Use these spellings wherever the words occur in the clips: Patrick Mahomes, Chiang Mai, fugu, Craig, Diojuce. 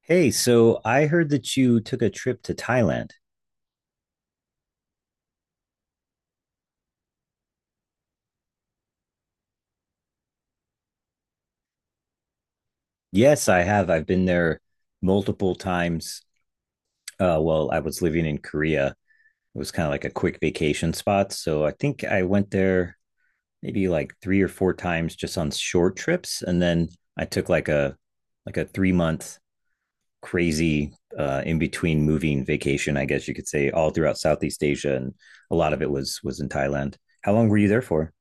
Hey, so I heard that you took a trip to Thailand. Yes, I have. I've been there multiple times. I was living in Korea. It was kind of like a quick vacation spot. So I think I went there maybe like three or four times just on short trips. And then I took like a 3 month crazy in between moving vacation, I guess you could say, all throughout Southeast Asia, and a lot of it was in Thailand. How long were you there for?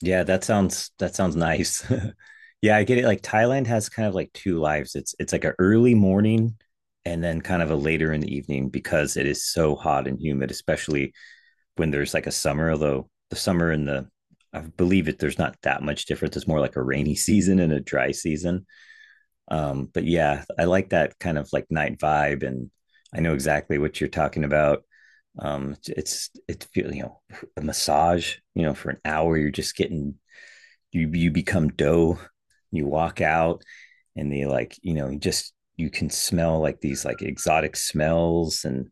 Yeah, that sounds nice. Yeah, I get it. Like Thailand has kind of like two lives. It's like an early morning and then kind of a later in the evening because it is so hot and humid, especially when there's like a summer, although the summer and the I believe it there's not that much difference. It's more like a rainy season and a dry season. But yeah, I like that kind of like night vibe, and I know exactly what you're talking about. It's it you know a massage for an hour you're just getting, you become dough, you walk out and they like, just you can smell like these like exotic smells and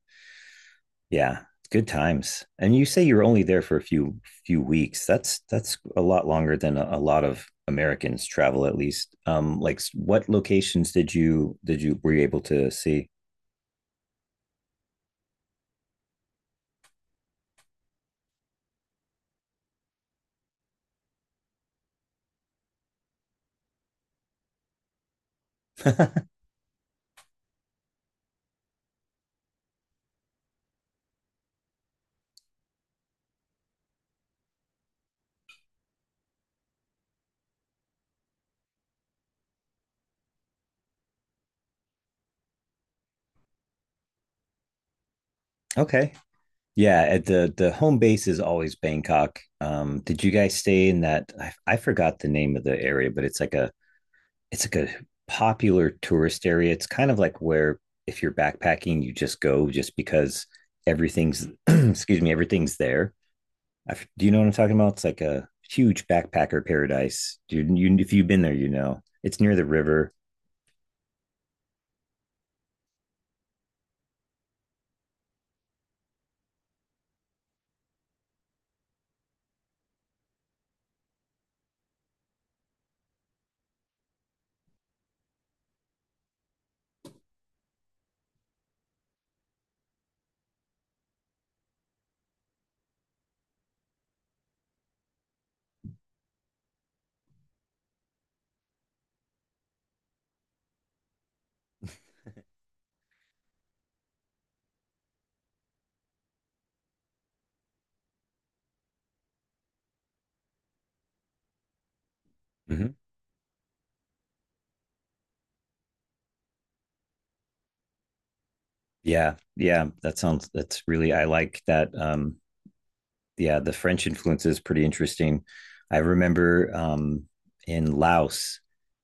yeah, good times. And you say you're only there for a few weeks. That's a lot longer than a lot of Americans travel, at least. Like what locations did you were you able to see? Okay. Yeah, at the home base is always Bangkok. Did you guys stay in that, I forgot the name of the area, but it's like a popular tourist area. It's kind of like where, if you're backpacking, you just go just because everything's excuse me, everything's there. Do you know what I'm talking about? It's like a huge backpacker paradise. You if you've been there, you know it's near the river. Mhm. Yeah, that's really, I like that. Yeah, the French influence is pretty interesting. I remember in Laos,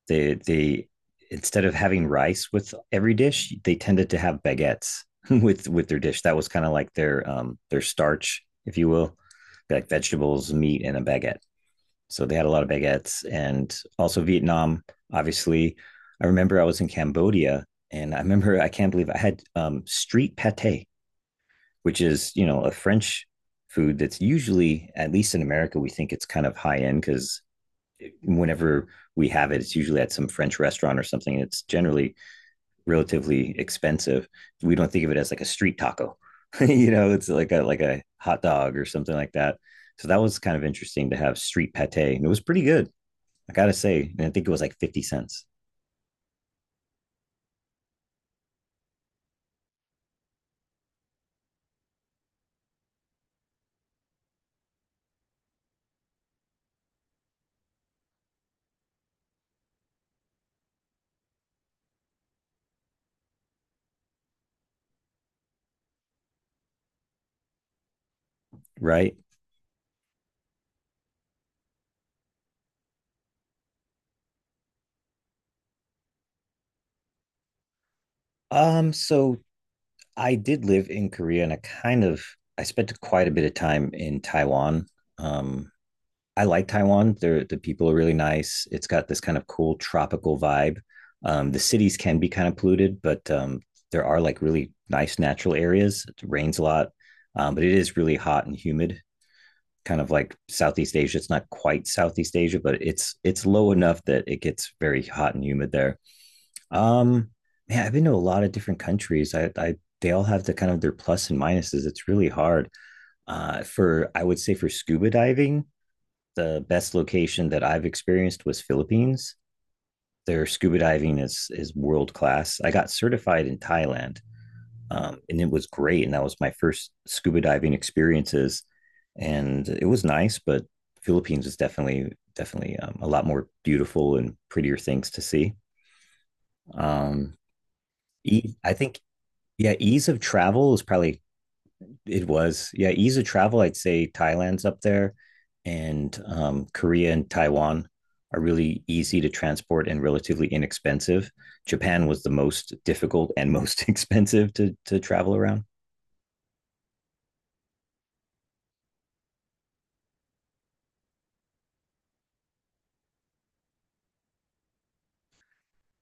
they instead of having rice with every dish, they tended to have baguettes with their dish. That was kind of like their starch, if you will, like vegetables, meat, and a baguette. So they had a lot of baguettes, and also Vietnam. Obviously, I remember I was in Cambodia, and I remember I can't believe I had street pate, which is, you know, a French food that's usually, at least in America, we think it's kind of high end because whenever we have it, it's usually at some French restaurant or something. It's generally relatively expensive. We don't think of it as like a street taco, you know, it's like a hot dog or something like that. So that was kind of interesting to have street pate, and it was pretty good. I gotta say, and I think it was like 50 cents. Right. So I did live in Korea, and I kind of I spent quite a bit of time in Taiwan. Um, I like Taiwan. They're, the people are really nice. It's got this kind of cool tropical vibe. The cities can be kind of polluted, but there are like really nice natural areas. It rains a lot, but it is really hot and humid, kind of like Southeast Asia. It's not quite Southeast Asia, but it's low enough that it gets very hot and humid there. Um, Man, I've been to a lot of different countries. I they all have the kind of their plus and minuses. It's really hard for I would say for scuba diving the best location that I've experienced was Philippines. Their scuba diving is world class. I got certified in Thailand, and it was great. And that was my first scuba diving experiences, and it was nice. But Philippines is definitely a lot more beautiful and prettier things to see. Um, I think yeah, ease of travel is probably It was. Yeah, ease of travel, I'd say Thailand's up there, and Korea and Taiwan are really easy to transport and relatively inexpensive. Japan was the most difficult and most expensive to travel around.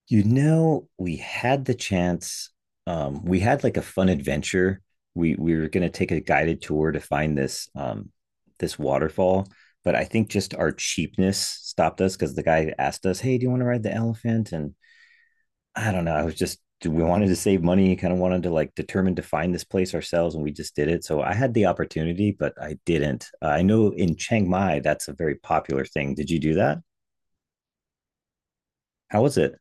You know, we had the chance. We had like a fun adventure. We were going to take a guided tour to find this this waterfall, but I think just our cheapness stopped us because the guy asked us, "Hey, do you want to ride the elephant?" And I don't know. I was just we wanted to save money. Kind of wanted to like determine to find this place ourselves, and we just did it. So I had the opportunity, but I didn't. I know in Chiang Mai that's a very popular thing. Did you do that? How was it?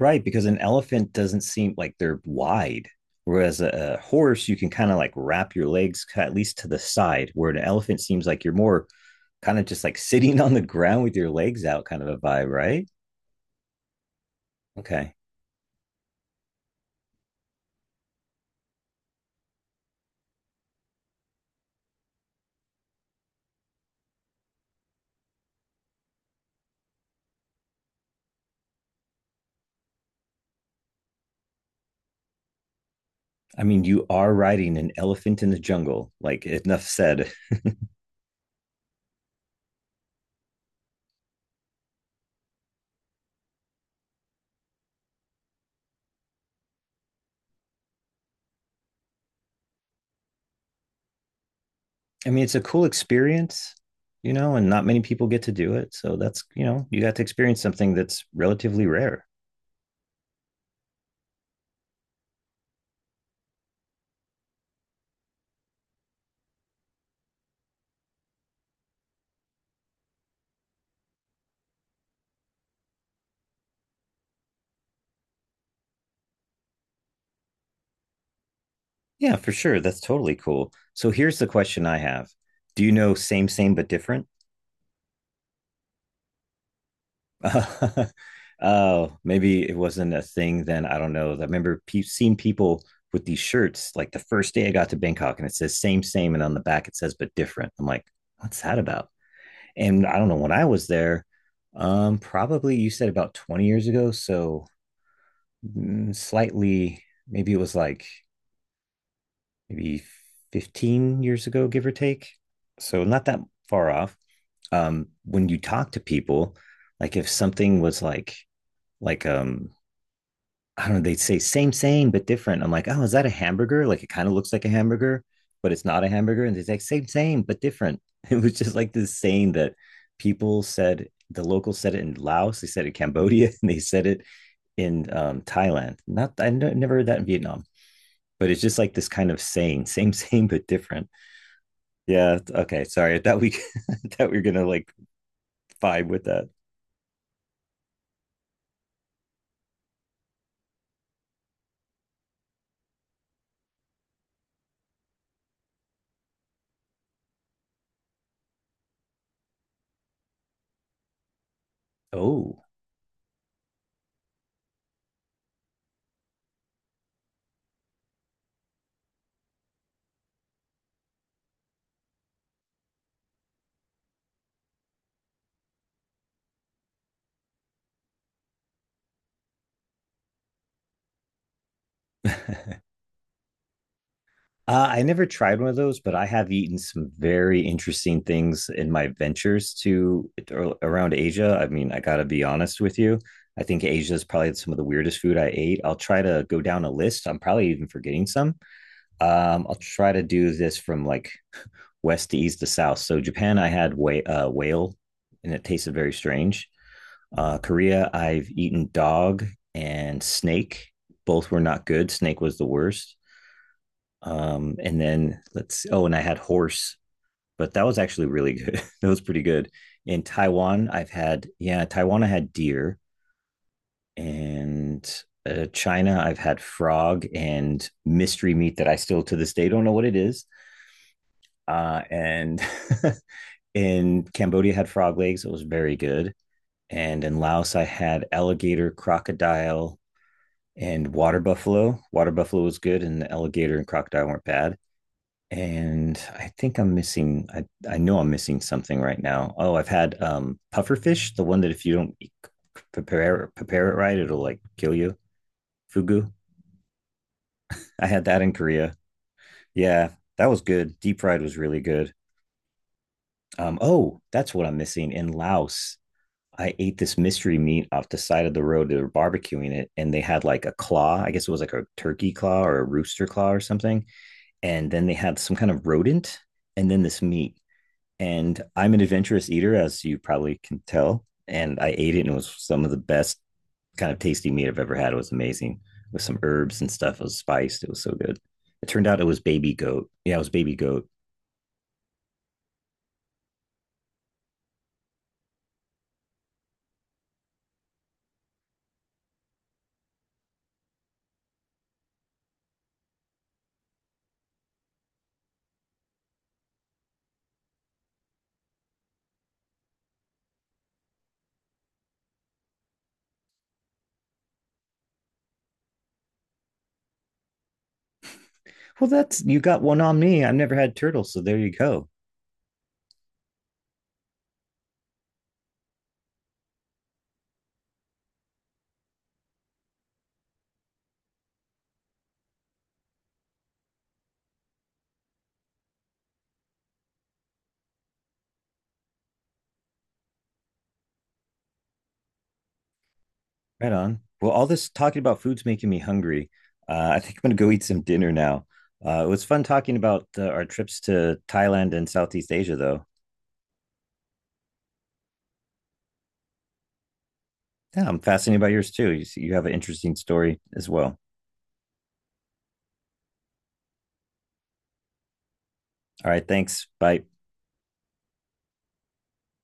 Right, because an elephant doesn't seem like they're wide, whereas a horse you can kind of like wrap your legs ki- at least to the side, where an elephant seems like you're more kind of just like sitting on the ground with your legs out, kind of a vibe, right? Okay. I mean, you are riding an elephant in the jungle. Like enough said. I mean, it's a cool experience, you know, and not many people get to do it. So that's, you know, you got to experience something that's relatively rare. Yeah, for sure. That's totally cool. So here's the question I have, do you know same, same, but different? Oh, maybe it wasn't a thing then. I don't know. I remember pe- seeing people with these shirts like the first day I got to Bangkok, and it says same, same. And on the back it says but different. I'm like, what's that about? And I don't know, when I was there, probably you said about 20 years ago. So mm, slightly, maybe it was like maybe 15 years ago, give or take. So not that far off. When you talk to people, like if something was like, I don't know, they'd say same, same, but different. I'm like, oh, is that a hamburger? Like it kind of looks like a hamburger, but it's not a hamburger. And they're like, same, same, but different. It was just like this saying that people said, the locals said it in Laos, they said it in Cambodia, and they said it in Thailand. Not I never heard that in Vietnam. But it's just like this kind of saying, same, same, but different. Yeah. Okay. Sorry. I thought we, I thought we were gonna like vibe with that. Oh. I never tried one of those, but I have eaten some very interesting things in my ventures to around Asia. I mean, I got to be honest with you. I think Asia is probably some of the weirdest food I ate. I'll try to go down a list. I'm probably even forgetting some. I'll try to do this from like west to east to south. So Japan, I had whale, and it tasted very strange. Korea, I've eaten dog and snake. Both were not good. Snake was the worst. And then let's, oh, and I had horse, but that was actually really good. That was pretty good. In Taiwan, I've had, yeah, Taiwan, I had deer. And China, I've had frog and mystery meat that I still to this day don't know what it is. And in Cambodia, I had frog legs. It was very good. And in Laos, I had alligator, crocodile, and water buffalo. Water buffalo was good, and the alligator and crocodile weren't bad. And I think I'm missing. I know I'm missing something right now. Oh, I've had pufferfish, the one that if you don't e- prepare it right, it'll like kill you. Fugu. I had that in Korea. Yeah, that was good. Deep fried was really good. Oh, that's what I'm missing in Laos. I ate this mystery meat off the side of the road. They were barbecuing it, and they had like a claw. I guess it was like a turkey claw or a rooster claw or something. And then they had some kind of rodent and then this meat. And I'm an adventurous eater, as you probably can tell. And I ate it, and it was some of the best kind of tasty meat I've ever had. It was amazing with some herbs and stuff. It was spiced. It was so good. It turned out it was baby goat. Yeah, it was baby goat. Well, that's you got one on me. I've never had turtle, so there you go. Right on. Well, all this talking about food's making me hungry. I think I'm gonna go eat some dinner now. It was fun talking about our trips to Thailand and Southeast Asia, though. Yeah, I'm fascinated by yours too. You have an interesting story as well. All right, thanks. Bye.